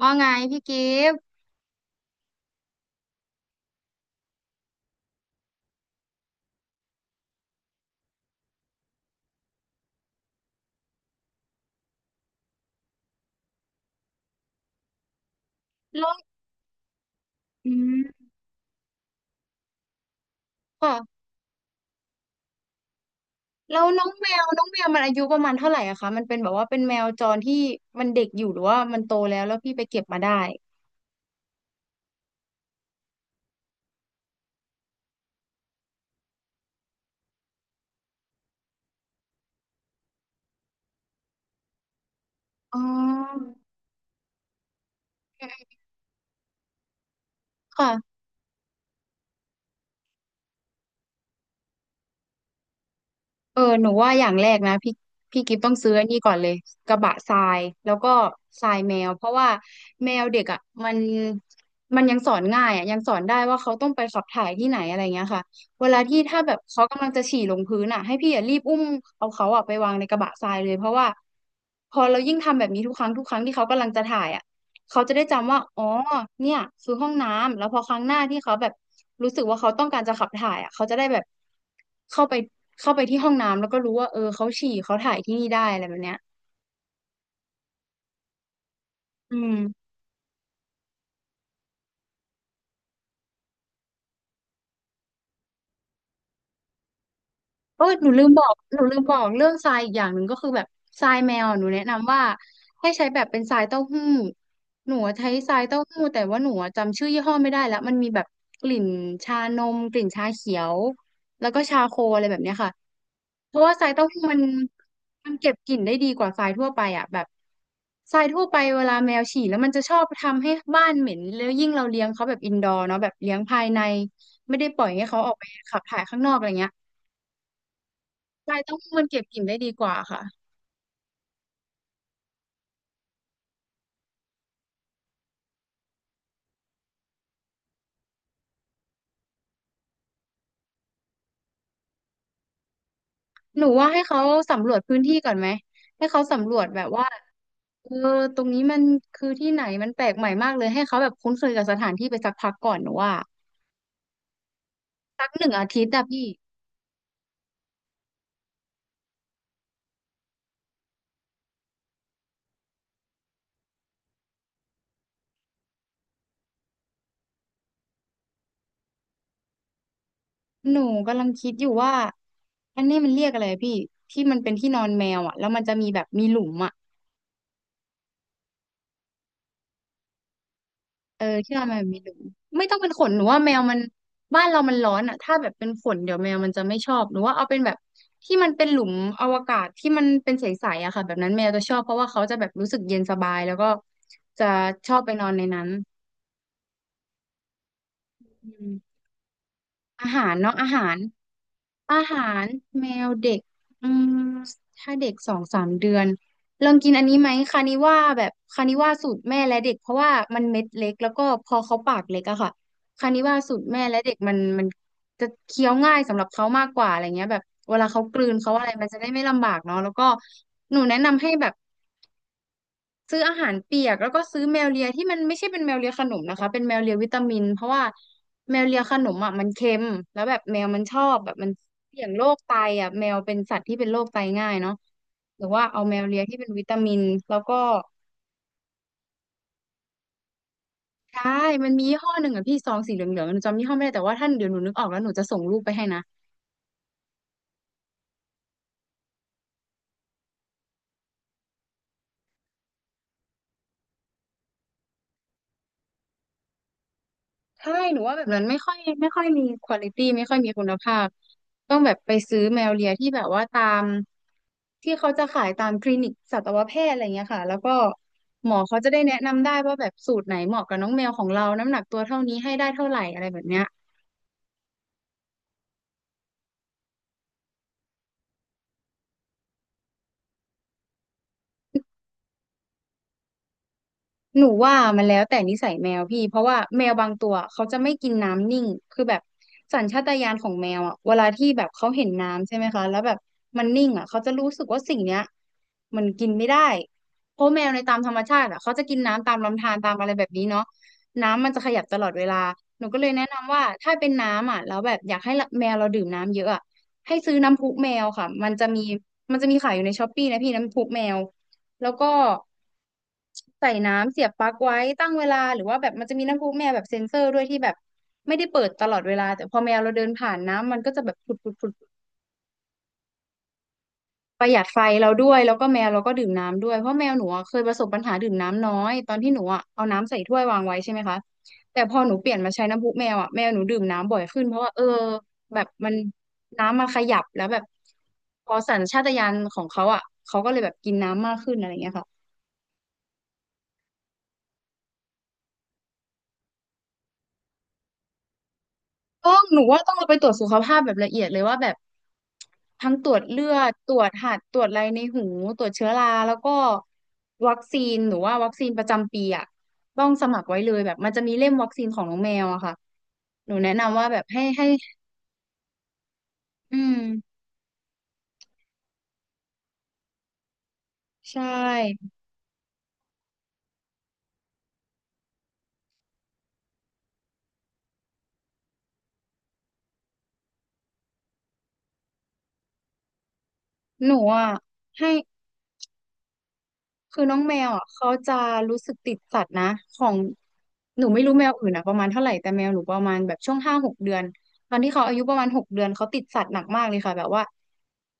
ว่าไงพี่กิฟต์แล้วอืมค่ะแล้วน้องแมวมันอายุประมาณเท่าไหร่อะคะมันเป็นแบบว่าเป็นแมวจรที่มันเด็กอยู่หรือว่ามันโตแล้วแล้วพี่ไปเก็บมาได้อ๋อค่ะ เออหนูว่าอย่างแรกนะพี่กิฟต้องซื้ออันนี้ก่อนเลยกระบะทรายแล้วก็ทรายแมวเพราะว่าแมวเด็กอ่ะมันมันยังสอนง่ายอ่ะยังสอนได้ว่าเขาต้องไปขับถ่ายที่ไหนอะไรเงี้ยค่ะเวลาที่ถ้าแบบเขากำลังจะฉี่ลงพื้นอ่ะให้พี่อ่ะรีบอุ้มเอาเขาอ่ะไปวางในกระบะทรายเลยเพราะว่าพอเรายิ่งทำแบบนี้ทุกครั้งที่เขากำลังจะถ่ายอ่ะ เขาจะได้จำว่าอ๋อเนี่ยคือห้องน้ำ แล้วพอครั้งหน้าที่เขาแบบรู้สึกว่าเขาต้องการจะขับถ่ายอ่ะเขาจะได้แบบเข้าไปเข้าไปที่ห้องน้ำแล้วก็รู้ว่าเออเขาฉี่เขาถ่ายที่นี่ได้อะไรแบบเนี้ยอืม เออหนูลืมบอกเรื่องทรายอีกอย่างหนึ่งก็คือแบบทรายแมวอะหนูแนะนำว่าให้ใช้แบบเป็นทรายเต้าหู้หนูอะใช้ทรายเต้าหู้แต่ว่าหนูอะจำชื่อยี่ห้อไม่ได้แล้วมันมีแบบกลิ่นชานมกลิ่นชาเขียวแล้วก็ชาโคอะไรแบบเนี้ยค่ะเพราะว่าทรายเต้าหู้มันเก็บกลิ่นได้ดีกว่าทรายทั่วไปอ่ะแบบทรายทั่วไปเวลาแมวฉี่แล้วมันจะชอบทำให้บ้านเหม็นแล้วยิ่งเราเลี้ยงเขาแบบอินดอร์เนาะแบบเลี้ยงภายในไม่ได้ปล่อยให้เขาออกไปขับถ่ายข้างนอกอะไรเงี้ย ใช่เต้องมันเก็บกลิ่นได้ดีกว่าค่ะหนูว่าให้เขาสำรวจพื้นที่ก่อนไหมให้เขาสำรวจแบบว่าเออตรงนี้มันคือที่ไหนมันแปลกใหม่มากเลยให้เขาแบบคุ้นเคยกับสถานที่ไปสักพักก่อนหนูว่าสักหนึ่งอาทิตย์อะพี่หนูกำลังคิดอยู่ว่าอันนี้มันเรียกอะไรพี่ที่มันเป็นที่นอนแมวอะแล้วมันจะมีแบบมีหลุมอะ เออที่เรามนแบบมีหนูไม่ต้องเป็นขนหนูว่าแมวมันบ้านเรามันร้อนอ่ะถ้าแบบเป็นขนเดี๋ยวแมวมันจะไม่ชอบหนูว่าเอาเป็นแบบที่มันเป็นหลุมอวกาศที่มันเป็นใสๆอะค่ะแบบนั้นแมวจะชอบเพราะว่าเขาจะแบบรู้สึกเย็นสบายแล้วก็จะชอบไปนอนในนั้นอืมอาหารเนาะอาหาร อาหารแมวเด็กอืมถ้าเด็กสองสามเดือนลองกินอันนี้ไหมคานิว่าแบบคานิว่าสูตรแม่และเด็กเพราะว่ามันเม็ดเล็กแล้วก็พอเขาปากเล็กอะค่ะคานิว่าสูตรแม่และเด็กมันจะเคี้ยวง่ายสำหรับเขามากกว่าอะไรเงี้ยแบบเวลาเขากลืนเขาอะไรมันจะได้ไม่ลำบากเนาะแล้วก็หนูแนะนำให้แบบ ซื้ออาหารเปียกแล้วก็ซื้อแมวเลียที่มันไม่ใช่เป็นแมวเลียขนมนะคะเป็นแมวเลียวิตามินเพราะว่าแมวเลียขนมอ่ะมันเค็มแล้วแบบแมวมันชอบแบบมันเสี่ยงโรคไตอ่ะแมวเป็นสัตว์ที่เป็นโรคไตง่ายเนาะหรือว่าเอาแมวเลียที่เป็นวิตามินแล้วก็ใช่มันมียี่ห้อหนึ่งอ่ะพี่ซองสีเหลืองๆหนูจำยี่ห้อไม่ได้แต่ว่าท่านเดี๋ยวหนูนึกออกแล้วหนูจะส่งรูปไปให้นะ ใช่หนูว่าแบบนั้นไม่ค่อยมีควอลิตี้ไม่ค่อยมีคุณภาพ ต้องแบบไปซื้อแมวเลียที่แบบว่าตามที่เขาจะขายตามคลินิกสัตวแพทย์อะไรเงี้ยค่ะ แล้วก็หมอเขาจะได้แนะนำได้ว่าแบบสูตรไหนเหมาะกับน้องแมวของเราน้ำหนักตัวเท่านี้ให้ได้เท่าไหร่อะไรแบบเนี้ย หนูว่ามันแล้วแต่นิสัยแมวพี่เพราะว่าแมวบางตัวเขาจะไม่กินน้ำนิ่งคือแบบสัญชาตญาณของแมวอ่ะเวลาที่แบบเขาเห็นน้ำใช่ไหมคะแล้วแบบมันนิ่งอ่ะเขาจะรู้สึกว่าสิ่งเนี้ยมันกินไม่ได้เพราะแมวในตามธรรมชาติอ่ะเขาจะกินน้ำตามลำธารตามอะไรแบบนี้เนาะน้ำมันจะขยับตลอดเวลาหนูก็เลยแนะนำว่าถ้าเป็นน้ำอ่ะแล้วแบบอยากให้แมวเราดื่มน้ำเยอะอ่ะให้ซื้อน้ำพุแมวค่ะมันจะมีขายอยู่ในช้อปปี้นะพี่น้ำพุแมว แล้วก็ใส่น้ำเสียบปลั๊กไว้ตั้งเวลาหรือว่าแบบมันจะมีน้ำพุแมวแบบเซ็นเซอร์ด้วยที่แบบไม่ได้เปิดตลอดเวลาแต่พอแมวเราเดินผ่านน้ำมันก็จะแบบผุดผุดผุดประหยัดไฟเราด้วยแล้วก็แมวเราก็ดื่มน้ำด้วยเพราะแมวหนูอะเคยประสบปัญหาดื่มน้ำน้อยตอนที่หนูอะเอาน้ำใส่ถ้วยวางไว้ใช่ไหมคะแต่พอหนูเปลี่ยนมาใช้น้ำพุแมวอ่ะแมวหนูดื่มน้ำบ่อยขึ้นเพราะว่าแบบมันน้ำมาขยับแล้วแบบพอสัญชาตญาณของเขาอ่ะเขาก็เลยแบบกินน้ำมากขึ้นอะไรเงี้ยค่ะ ต้องหนูว่าต้องเราไปตรวจสุขภาพแบบละเอียดเลยว่าแบบทั้งตรวจเลือดตรวจหัดตรวจอะไรในหูตรวจเชื้อราแล้วก็วัคซีนหนูว่าวัคซีนประจำปีอ่ะต้องสมัครไว้เลยแบบมันจะมีเล่มวัคซีนของน้องแมวอะค่ะหนูแนะนำว่าแบบให้อืมใช่หนูอ่ะให้ คือน้องแมวอ่ะเขาจะรู้สึกติดสัตว์นะของหนูไม่รู้แมวอื่นอ่ะประมาณเท่าไหร่แต่แมวหนูประมาณแบบช่วง5-6 เดือนตอนที่เขาอายุประมาณหกเดือนเขาติดสัตว์หนักมากเลยค่ะแบบว่า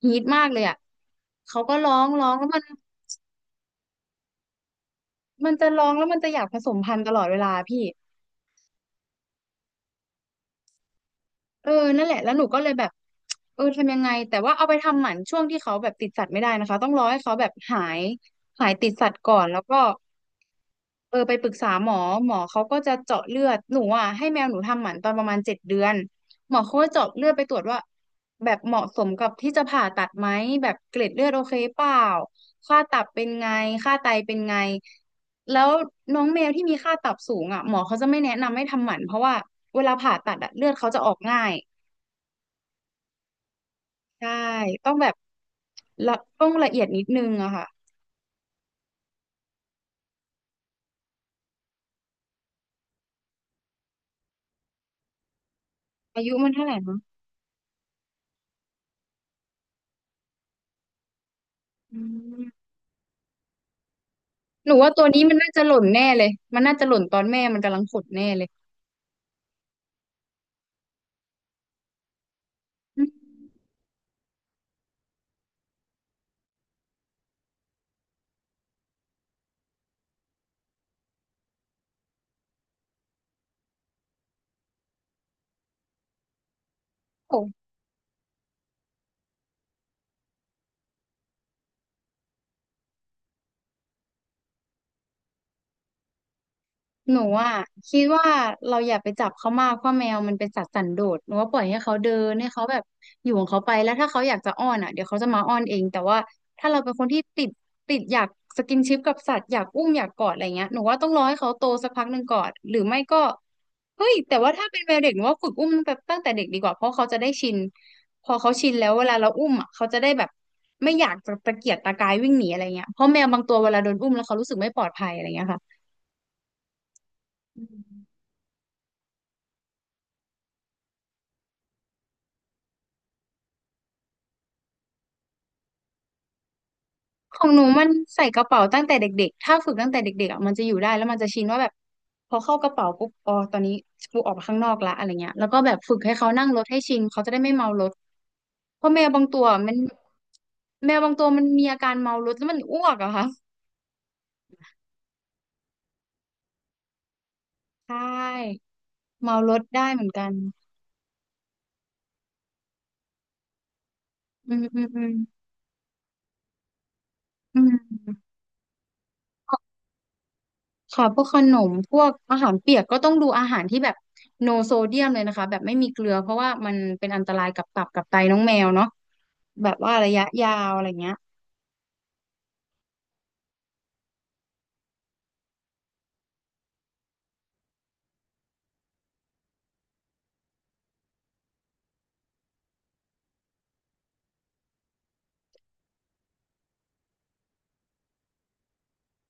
ฮีทมากเลยอ่ะเขาก็ร้องร้องแล้วมันมันจะร้องแล้วมันจะอยากผสมพันธุ์ตลอดเวลาพี่เออนั่นแหละแล้วหนูก็เลยแบบทำยังไงแต่ว่าเอาไปทำหมันช่วงที่เขาแบบติดสัตว์ไม่ได้นะคะต้องรอให้เขาแบบหายติดสัตว์ก่อนแล้วก็ ไปปรึกษาหมอหมอเขาก็จะเจาะเลือดหนูอ่ะให้แมวหนูทำหมันตอนประมาณ7 เดือนหมอเขาก็เจาะเลือดไปตรวจว่าแบบเหมาะสมกับที่จะผ่าตัดไหมแบบเกล็ดเลือดโอเคเปล่าค่าตับเป็นไงค่าไตเป็นไงแล้วน้องแมวที่มีค่าตับสูงอ่ะหมอเขาจะไม่แนะนำให้ทำหมันเพราะว่าเวลาผ่าตัดอะเลือดเขาจะออกง่ายใช่ต้องแบบละต้องละเอียดนิดนึงอะค่ะอายุมันเท่าไหร่นะอืม หนูว่าตัวนี้มันน่าจะหล่นแน่เลย มันน่าจะหล่นตอนแม่มันกำลังขดแน่เลยอืมโอ้ หนูอ่ะคิดว่าเราอย่าไปจับเขามากเพราะแมวมันเป็นสัตว์สันโดษหนูว่าปล่อยให้เขาเดินให้เขาแบบอยู่ของเขาไปแล้วถ้าเขาอยากจะอ้อนอ่ะเดี๋ยวเขาจะมาอ้อนเองแต่ว่าถ้าเราเป็นคนที่ติดอยากสกินชิปกับสัตว์อยากอุ้มอยากกอดอะไรเงี้ยหนูว่าต้องรอให้เขาโตสักพักหนึ่งก่อนหรือไม่ก็เฮ้ยแต่ว่าถ้าเป็นแมวเด็กหนูว่าฝึกอุ้มแบบตั้งแต่เด็กดีกว่าเพราะเขาจะได้ชินพอเขาชินแล้วเวลาเราอุ้มอ่ะเขาจะได้แบบไม่อยากจะตะเกียกตะกายวิ่งหนีอะไรเงี้ยเพราะแมวบางตัวเวลาโดนอุ้มแล้วเขารู้สึกไม่ปลอดภัยอะไรเงี้ยค่ะอืม ของหนูมันใส่กระเป๋าตั้งแต่เด็กๆ ถ้าฝึกตั้งแต่เด็กๆอะมันจะอยู่ได้แล้วมันจะชินว่าแบบพอเข้ากระเป๋าปุ๊บอ๋อตอนนี้กูออกมาข้างนอกละอะไรเงี้ยแล้วก็แบบฝึกให้เขานั่งรถให้ชินเขาจะได้ไม่เมารถเพราะแมวบางตัวมันแมวบางตัวมันมีอาการเมารถแล้วมันอ้วกอะค่ะใช่เมารถได้เหมือนกันอืมอืมอืมอืม ค่ะพวกขนมพวกอาหารเปียกก็ต้องดูอาหารที่แบบโนโซเดียมเลยนะคะแบบไม่มีเกลือเพราะว่ามันเป็นอันตรายกับตับกับไตน้องแมวเนาะแบบว่าระยะยาวอะไรเงี้ย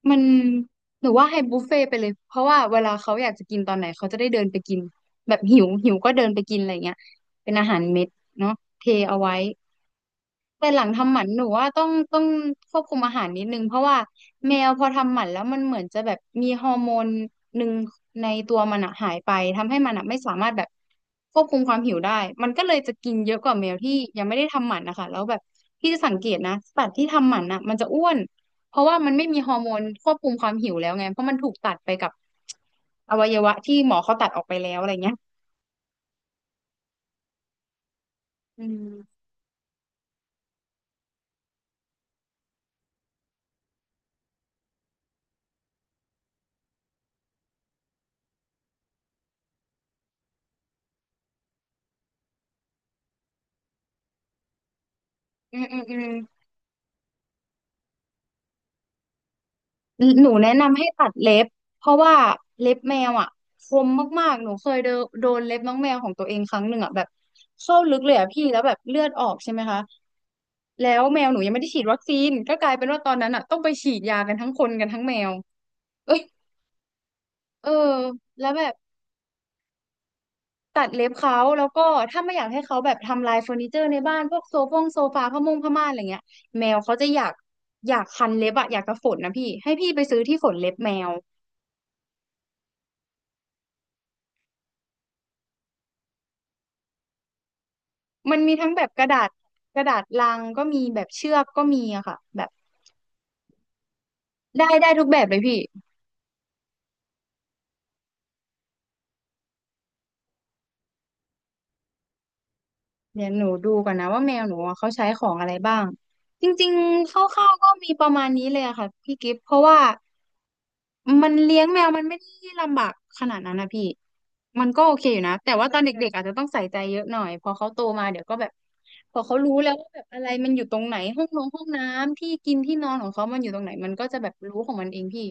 มันหรือว่าให้บุฟเฟ่ต์ไปเลยเพราะว่าเวลาเขาอยากจะกินตอนไหนเขาจะได้เดินไปกินแบบหิวหิวก็เดินไปกินอะไรเงี้ยเป็นอาหารเม็ดเนาะเทเอาไว้ แต่หลังทำหมันหนูว่าต้องควบคุมอาหารนิดนึงเพราะว่าแมวพอทำหมันแล้วมันเหมือนจะแบบมีฮอร์โมนหนึ่งในตัวมันอะหายไปทำให้มันอะไม่สามารถแบบควบคุมความหิวได้มันก็เลยจะกินเยอะกว่าแมวที่ยังไม่ได้ทำหมันนะคะแล้วแบบพี่จะสังเกตนะสัตว์ที่ทำหมันอะมันจะอ้วนเพราะว่ามันไม่มีฮอร์โมนควบคุมความหิวแล้วไงเพราะมันถูกตัดไปกับอวัยวะที่หมอเขาตัดออกไปแล้วอะไรเงี้ยอืมอืมอืมอืม หนูแนะนำให้ตัดเล็บเพราะว่าเล็บแมวอ่ะคมมากๆหนูเคยเดนโดนเล็บน้องแมวของตัวเองครั้งหนึ่งอ่ะแบบเข้าลึกเลยอ่ะพี่แล้วแบบเลือดออกใช่ไหมคะแล้วแมวหนูยังไม่ได้ฉีดวัคซีนก็กลายเป็นว่าตอนนั้นอ่ะต้องไปฉีดยากันทั้งคนกันทั้งแมวเอ้ยเออแล้วแบบตัดเล็บเขาแล้วก็ถ้าไม่อยากให้เขาแบบทำลายเฟอร์นิเจอร์ในบ้านพวกโซฟาผ้าม่านอะไรเงี้ยแมวเขาจะอยากคันเล็บอะอยากกระฝนนะพี่ให้พี่ไปซื้อที่ฝนเล็บแมว มันมีทั้งแบบกระดาษกระดาษลังก็มีแบบเชือกก็มีอะค่ะแบบได้ได้ทุกแบบเลยพี่เดี๋ยวหนูดูก่อนนะว่าแมวหนูอะเขาใช้ของอะไรบ้างจริงๆคร่าวๆก็มีประมาณนี้เลยอะค่ะพี่กิฟต์เพราะว่ามันเลี้ยงแมวมันไม่ได้ลำบากขนาดนั้นนะพี่มันก็โอเคอยู่นะแต่ว่าตอนเด็กๆอาจจะต้องใส่ใจเยอะหน่อยพอเขาโตมาเดี๋ยวก็แบบพอเขารู้แล้วว่าแบบอะไรมันอยู่ตรงไหนห้องนอนห้องน้ำที่กินที่นอนของเขามันอยู่ตรงไหนมันก็จะแบบรู้ของมันเองพี่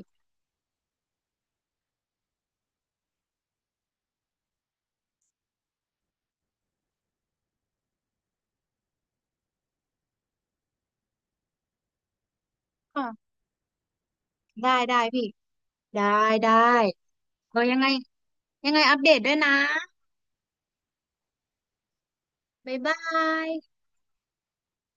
ค่ะได้ได้พี่ ได้ได้เออยังไงยังไงอัปเดตด้วยนะบ๊ายบาย